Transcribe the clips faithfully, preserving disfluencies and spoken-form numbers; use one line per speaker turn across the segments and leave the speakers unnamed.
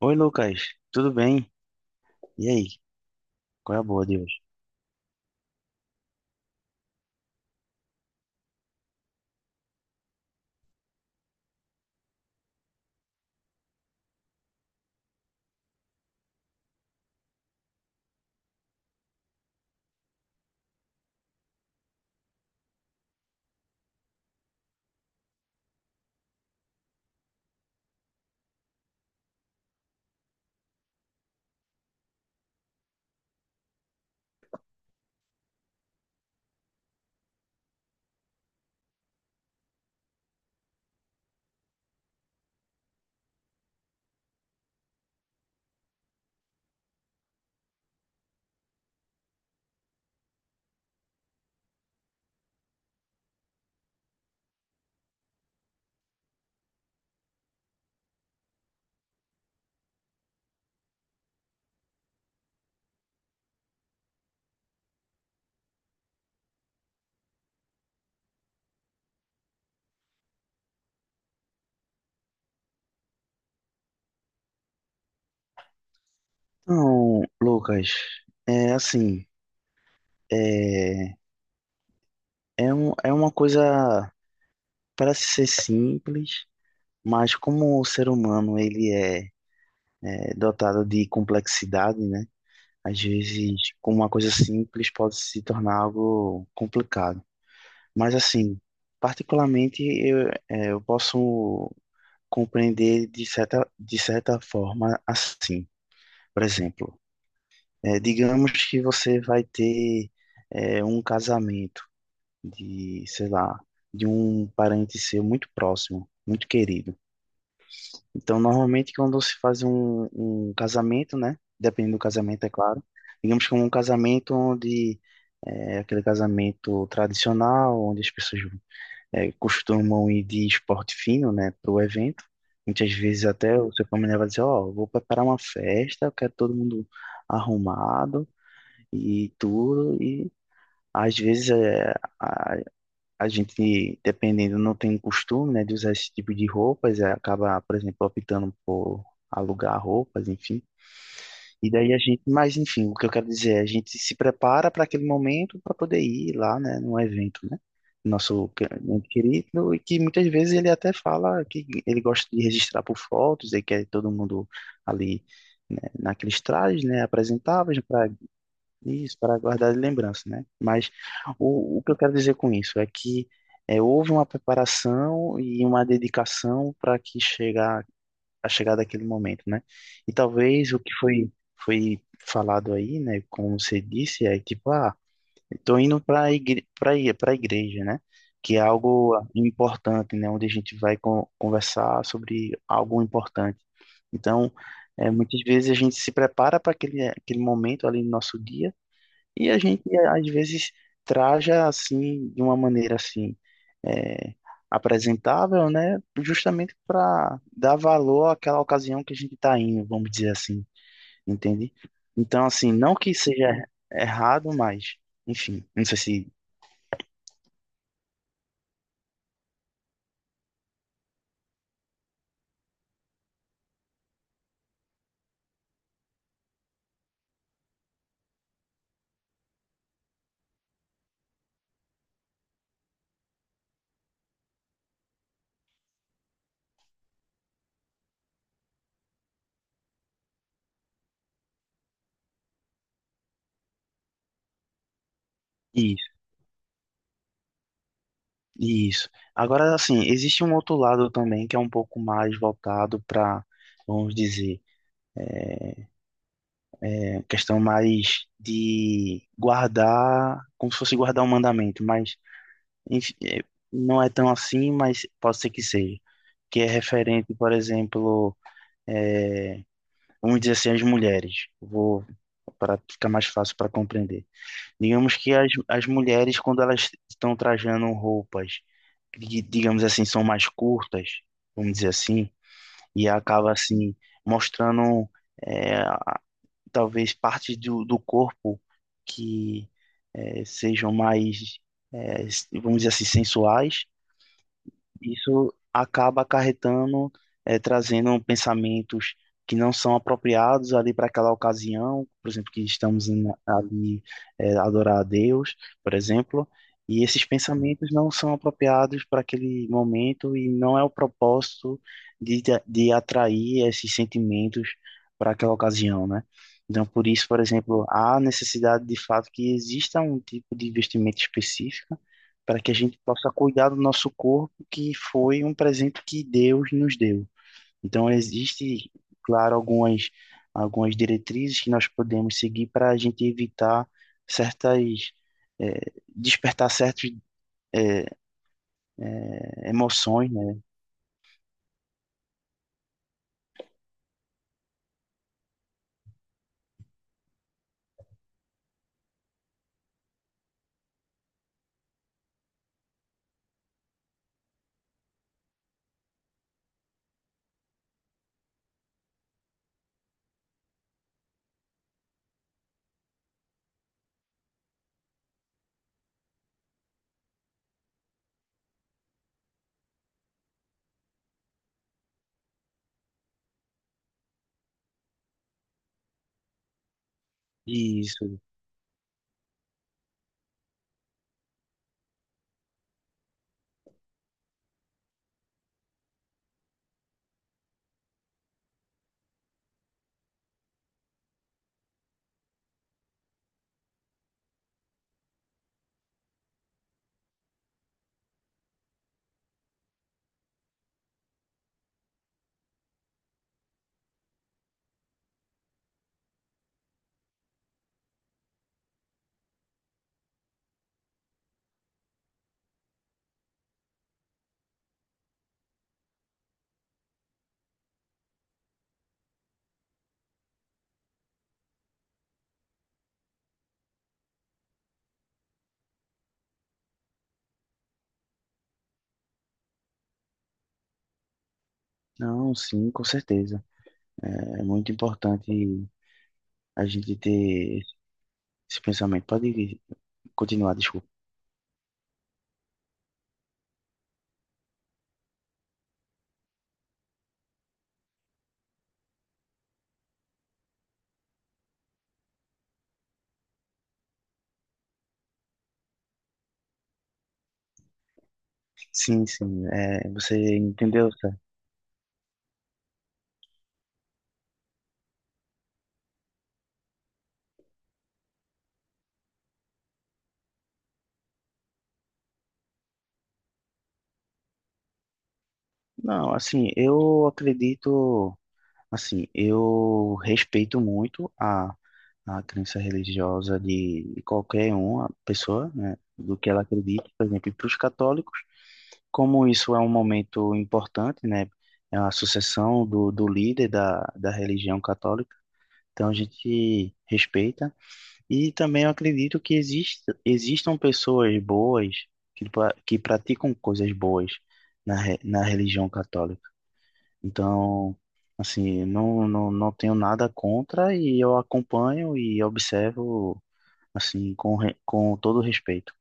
Oi, Lucas, tudo bem? E aí, qual é a boa de hoje? Então, Lucas, é assim, é, é, um, é uma coisa, parece ser simples, mas como o ser humano, ele é, é dotado de complexidade, né? Às vezes, com uma coisa simples pode se tornar algo complicado. Mas assim, particularmente, eu, é, eu posso compreender de certa, de certa forma assim. Por exemplo, É, digamos que você vai ter é, um casamento de, sei lá, de um parente seu muito próximo, muito querido. Então, normalmente, quando se faz um, um casamento, né? Dependendo do casamento, é claro. Digamos que é um casamento onde é aquele casamento tradicional, onde as pessoas é, costumam ir de esporte fino, né, para o evento. Muitas vezes até o seu familiar vai dizer, ó, vou preparar uma festa, eu quero todo mundo arrumado e tudo. E às vezes é, a, a gente, dependendo, não tem costume, né, de usar esse tipo de roupas, é, acaba, por exemplo, optando por alugar roupas, enfim. E daí a gente, mas enfim, o que eu quero dizer é, a gente se prepara para aquele momento para poder ir lá, né, num evento, né? Nosso que- muito querido, e que muitas vezes ele até fala que ele gosta de registrar por fotos, ele quer todo mundo ali, né, naqueles trajes, né, apresentáveis, isso, para guardar de lembrança, né? Mas o, o que eu quero dizer com isso é que é, houve uma preparação e uma dedicação para que chegar a chegar daquele momento, né? E talvez o que foi foi falado aí, né? Como você disse, é tipo, ah, estou indo para para para a igreja, né? Que é algo importante, né? Onde a gente vai con- conversar sobre algo importante. Então, é, muitas vezes a gente se prepara para aquele aquele momento ali no nosso dia e a gente, eh, às vezes, traja assim, de uma maneira assim, é, apresentável, né? Justamente para dar valor àquela ocasião que a gente está indo, vamos dizer assim, entende? Então, assim, não que seja errado, mas, enfim, não sei se. Isso, isso. Agora, assim, existe um outro lado também que é um pouco mais voltado para, vamos dizer, é, questão mais de guardar, como se fosse guardar um mandamento, mas Enf- eh, não é tão assim, mas pode ser que seja. Que é referente, por exemplo, vamos dizer assim, às mulheres. Vou, para ficar mais fácil para compreender. Digamos que as, as mulheres, quando elas estão trajando roupas, que, digamos assim, são mais curtas, vamos dizer assim, e acaba assim, mostrando, eh, a- talvez partes do, do corpo que eh, sejam mais, eh, vamos dizer assim, sensuais. Isso acaba acarretando, eh, trazendo pensamentos que não são apropriados ali para aquela ocasião, por exemplo, que estamos em- ali eh, adorar a Deus, por exemplo, e esses pensamentos não são apropriados para aquele momento e não é o propósito de, de atrair esses sentimentos para aquela ocasião, né? Então, por isso, por exemplo, há necessidade de fato que exista um tipo de investimento específico para que a gente possa cuidar do nosso corpo, que foi um presente que Deus nos deu. Então, existe, claro, algumas, algumas diretrizes que nós podemos seguir para a gente evitar certas, eh, despertar certas, eh, emoções, né? Isso. Não, sim, com certeza. É, é muito importante a gente ter esse pensamento. Pode continuar, desculpa. Sim, sim, é, você entendeu, certo? Não, assim, eu acredito. Assim, eu respeito muito a, a crença religiosa de, de qualquer uma pessoa, né, do que ela acredita, por exemplo, para os católicos, como isso é um momento importante, né, é a sucessão do, do líder da, da religião católica, então a gente respeita. E também eu acredito que exista, existam pessoas boas que, pra- que praticam coisas boas na, re- na religião católica. Então, assim, não, não, não tenho nada contra e eu acompanho e observo, assim, com, re- com todo respeito.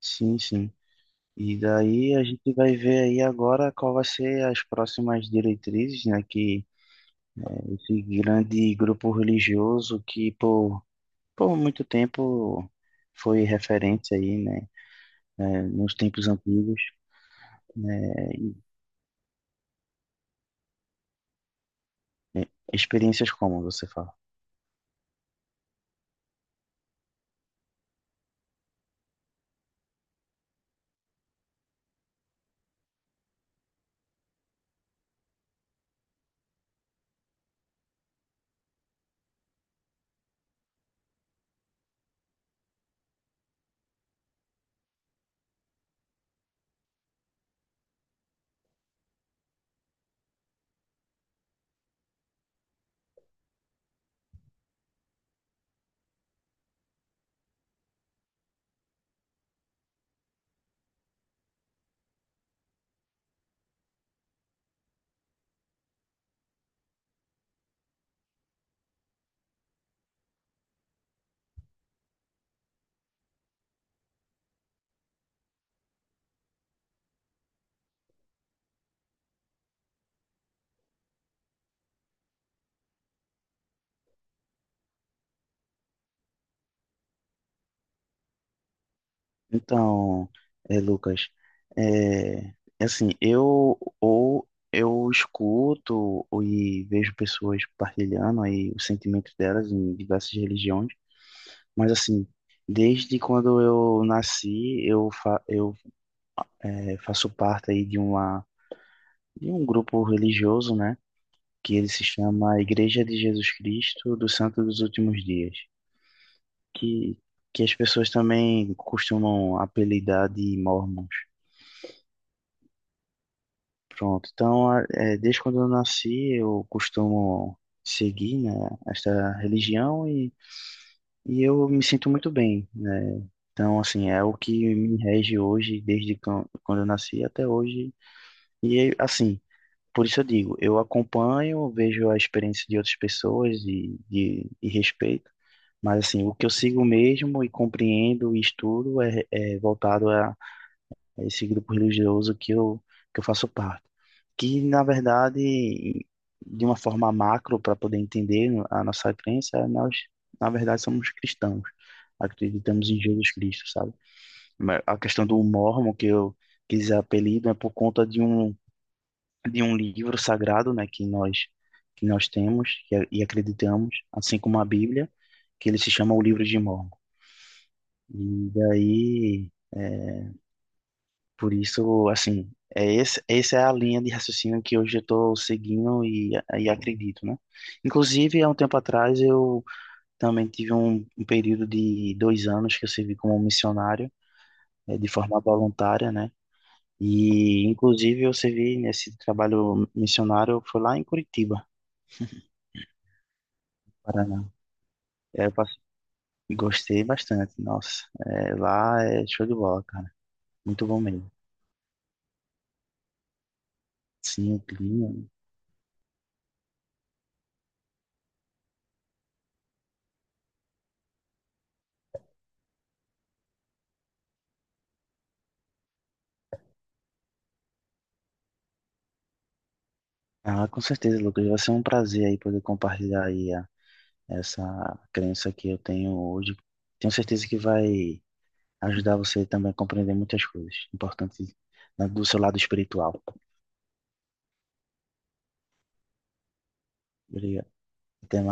Sim, sim. E daí a gente vai ver aí agora qual vai ser as próximas diretrizes, né, que esse grande grupo religioso que por, por muito tempo foi referência aí, né, eh, nos tempos antigos, eh, experiências como você fala. Então, é, Lucas, é, é assim, eu ou eu escuto e vejo pessoas partilhando aí os sentimentos delas em diversas religiões, mas assim, desde quando eu nasci, eu, fa eu, é, faço parte aí de uma de um grupo religioso, né, que ele se chama Igreja de Jesus Cristo dos Santos dos Últimos Dias, que que as pessoas também costumam apelidar de Mormons. Pronto, então a- é, desde quando eu nasci eu costumo seguir, né, esta religião e, e eu me sinto muito bem, né? Então, assim, é o que me rege hoje, desde quan- quando eu nasci até hoje. E, é, assim, por isso eu digo, eu acompanho, vejo a experiência de outras pessoas e, de, e respeito, mas, assim, o que eu sigo mesmo e compreendo e estudo é, é voltado a esse grupo religioso que eu, que eu faço parte. Que, na verdade, de uma forma macro, para poder entender a nossa crença, nós, na verdade, somos cristãos. Acreditamos em Jesus Cristo, sabe? Mas a questão do mormon, que eu quis apelido, é por conta de um, de um livro sagrado, né, que nós, que nós temos e, a- e acreditamos, assim como a Bíblia, que ele se chama o Livro de Mormon. E daí, é, por isso, assim, é esse, essa é a linha de raciocínio que hoje eu estou seguindo e, e acredito, né? Inclusive, há um tempo atrás, eu também tive um, um período de dois anos que eu servi como missionário, eh, de forma voluntária, né? E, inclusive, eu servi nesse trabalho missionário, foi lá em Curitiba, Paraná. Eh, Eu passe- gostei bastante, nossa. Eh, lá é show de bola, cara. Muito bom mesmo. Sim, o clima. Ah, com certeza, Lucas. Vai ser um prazer aí poder compartilhar aí essa crença que eu tenho hoje. Tenho certeza que vai ajudar você também a compreender muitas coisas importantes na- do seu lado espiritual. Obrigado. Até